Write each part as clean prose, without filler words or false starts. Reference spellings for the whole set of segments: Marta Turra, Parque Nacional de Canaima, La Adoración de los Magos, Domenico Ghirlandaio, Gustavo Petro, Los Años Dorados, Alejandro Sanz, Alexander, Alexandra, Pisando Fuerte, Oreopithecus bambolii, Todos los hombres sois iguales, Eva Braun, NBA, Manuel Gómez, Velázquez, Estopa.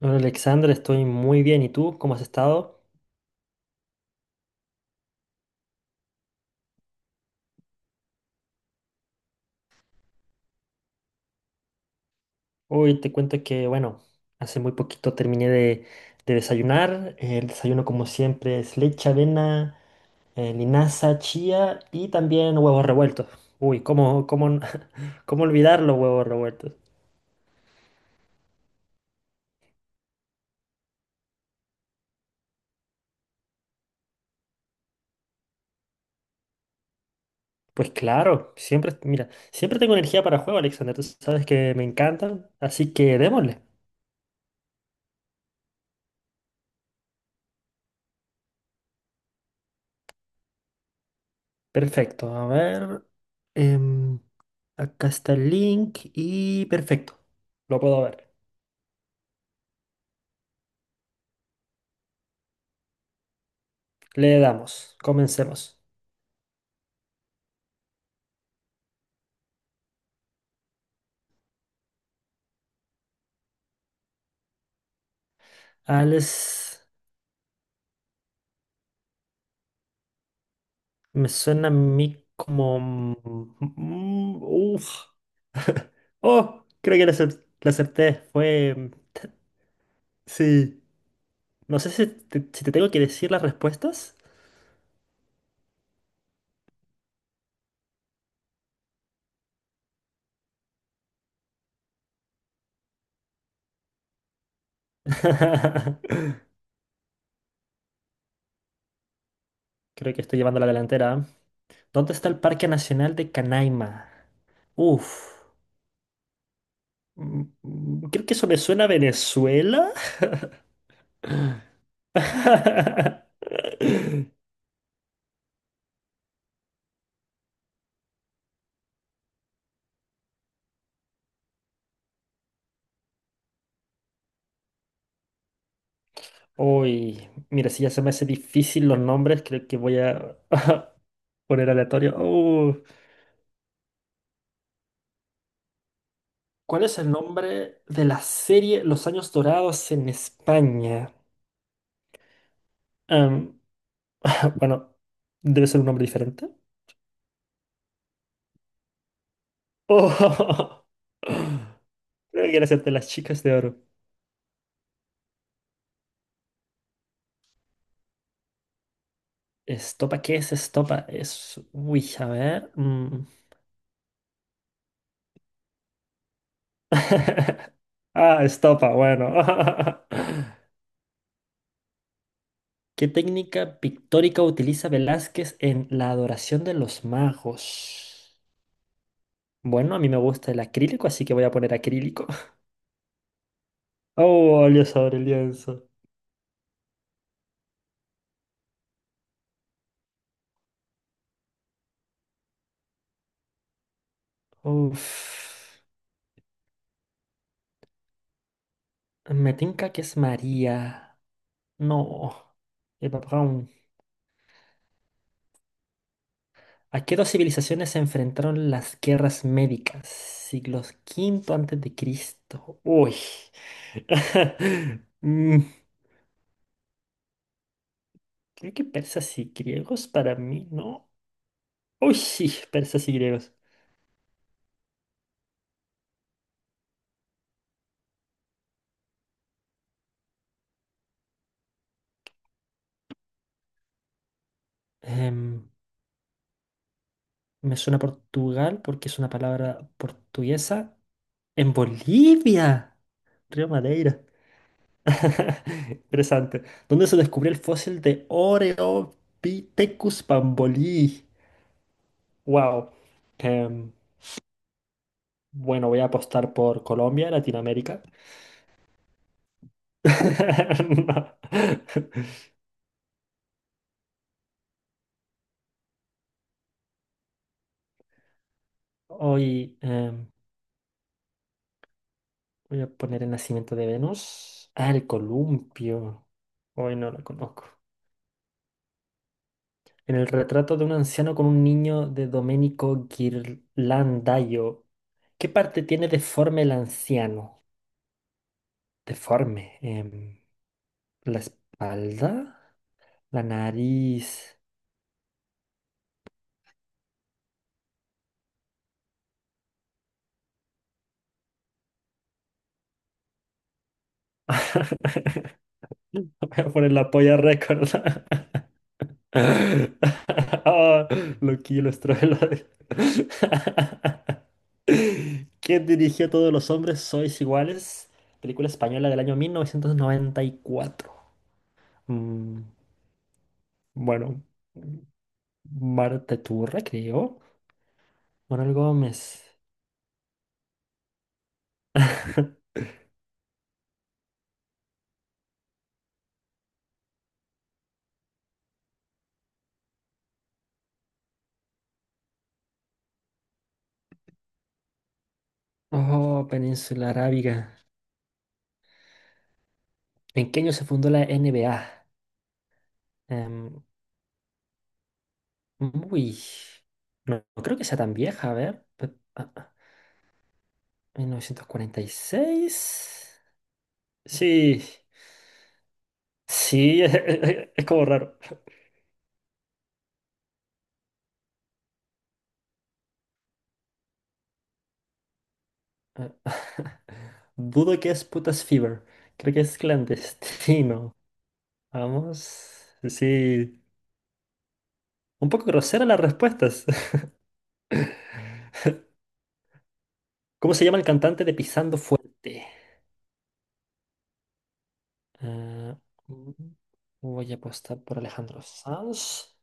Hola Alexandra, estoy muy bien. ¿Y tú? ¿Cómo has estado? Hoy te cuento que, bueno, hace muy poquito terminé de desayunar. El desayuno, como siempre, es leche, avena, linaza, chía y también huevos revueltos. Uy, ¿ ¿cómo olvidar los huevos revueltos? Pues claro, siempre, mira, siempre tengo energía para juego, Alexander. Tú sabes que me encantan, así que démosle. Perfecto, a ver. em, Acá está el link y perfecto, lo puedo ver. Le damos, comencemos. Alex me suena a mí como... uf. Oh, creo que la acerté. Sí. No sé si te, si te tengo que decir las respuestas. Creo que estoy llevando la delantera, ¿eh? ¿Dónde está el Parque Nacional de Canaima? Uf. Creo que eso me suena a Venezuela. Uy, mira, si ya se me hace difícil los nombres, creo que voy a poner aleatorio. ¿Cuál es el nombre de la serie Los Años Dorados en España? Em, bueno, debe ser un nombre diferente. Oh, creo que era ser de las chicas de oro. ¿Estopa? ¿Qué es estopa? Es... Uy, a ver. Mm. Ah, estopa, bueno. ¿Qué técnica pictórica utiliza Velázquez en La Adoración de los Magos? Bueno, a mí me gusta el acrílico, así que voy a poner acrílico. Oh, Dios, sobre el lienzo. Uf. Me tinca que es María. No. Eva Braun. ¿A qué dos civilizaciones se enfrentaron las guerras médicas? Siglos quinto antes de Cristo. Uy. Mm, Creo que persas y griegos para mí, ¿no? Uy, sí, persas y griegos. Em, Me suena Portugal porque es una palabra portuguesa. En Bolivia, Río Madeira. Interesante. ¿Dónde se descubrió el fósil de Oreopithecus bambolii? Wow. Em, bueno, voy a apostar por Colombia, Latinoamérica. No. Hoy voy a poner el nacimiento de Venus. Ah, el columpio. Hoy no la conozco. En el retrato de un anciano con un niño de Domenico Ghirlandaio, ¿qué parte tiene deforme el anciano? Deforme. ¿La espalda? ¿La nariz? Voy a poner la polla récord. Ah, loquillo, estruelo. ¿Quién dirigió Todos los hombres sois iguales? Película española del año 1994. Mm, bueno. Marta Turra, creo. Manuel Gómez. Oh, Península Arábiga. ¿En qué año se fundó la NBA? Em, uy, no, creo que sea tan vieja, a ver. ¿ ¿1946? Sí, sí, es como raro. Eh, dudo que es putas fever. Creo que es clandestino. Vamos. Sí, un poco grosera las respuestas. ¿Cómo se llama el cantante de Pisando Fuerte? Ah, mm, voy a apostar por Alejandro Sanz.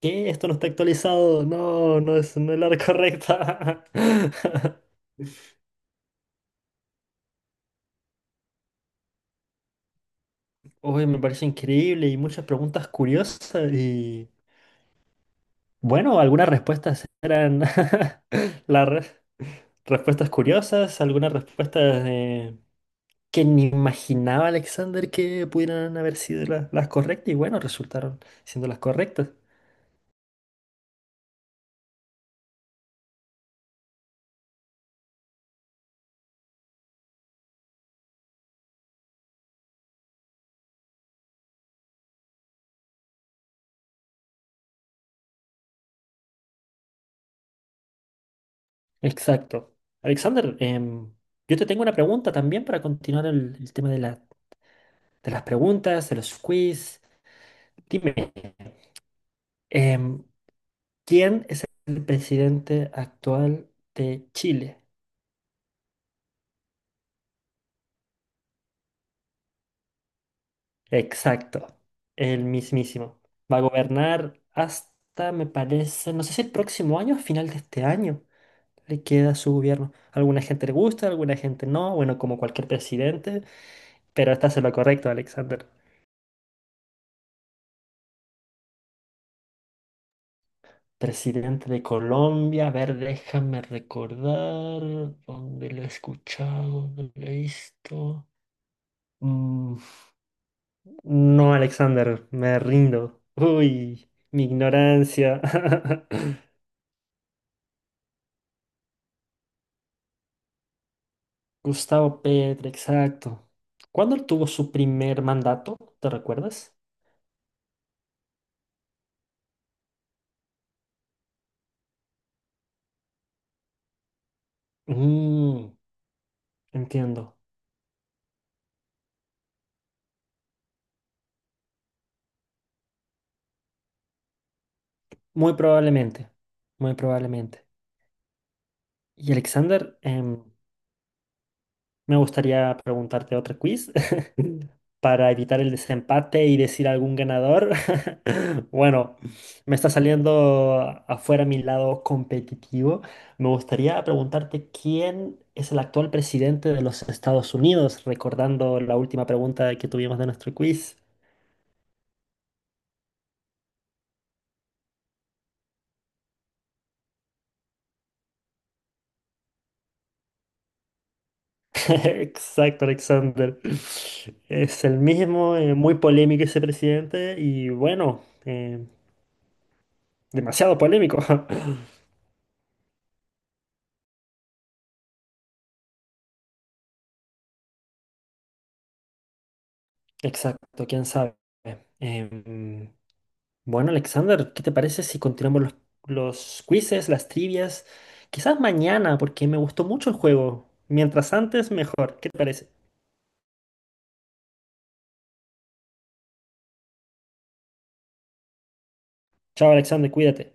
¿Qué? Esto no está actualizado. No es la correcta. Uy, me parece increíble y muchas preguntas curiosas. Y bueno, algunas respuestas eran las re- respuestas curiosas, algunas respuestas que ni imaginaba Alexander que pudieran haber sido las correctas. Y bueno, resultaron siendo las correctas. Exacto. Alexander, yo te tengo una pregunta también para continuar el tema de, de las preguntas, de los quiz. Dime, em, ¿quién es el presidente actual de Chile? Exacto, el mismísimo. Va a gobernar hasta, me parece, no sé si el próximo año o final de este año le queda su gobierno. Alguna gente le gusta, alguna gente no, bueno, como cualquier presidente, pero estás en lo correcto, Alexander. Presidente de Colombia, a ver, déjame recordar dónde lo he escuchado, dónde lo he visto. Mm, no, Alexander, me rindo. Uy, mi ignorancia. Gustavo Petro, exacto. ¿Cuándo tuvo su primer mandato? ¿Te recuerdas? Mm, Entiendo. Muy probablemente, muy probablemente. Y Alexander, me gustaría preguntarte otro quiz para evitar el desempate y decir algún ganador. Bueno, me está saliendo afuera mi lado competitivo. Me gustaría preguntarte quién es el actual presidente de los Estados Unidos, recordando la última pregunta que tuvimos de nuestro quiz. Exacto, Alexander. Es el mismo, muy polémico ese presidente y bueno, demasiado polémico. Exacto, quién sabe. Em, bueno, Alexander, ¿qué te parece si continuamos los quizzes, las trivias? Quizás mañana, porque me gustó mucho el juego. Mientras antes, mejor. ¿Qué te parece? Chao, Alexander, cuídate.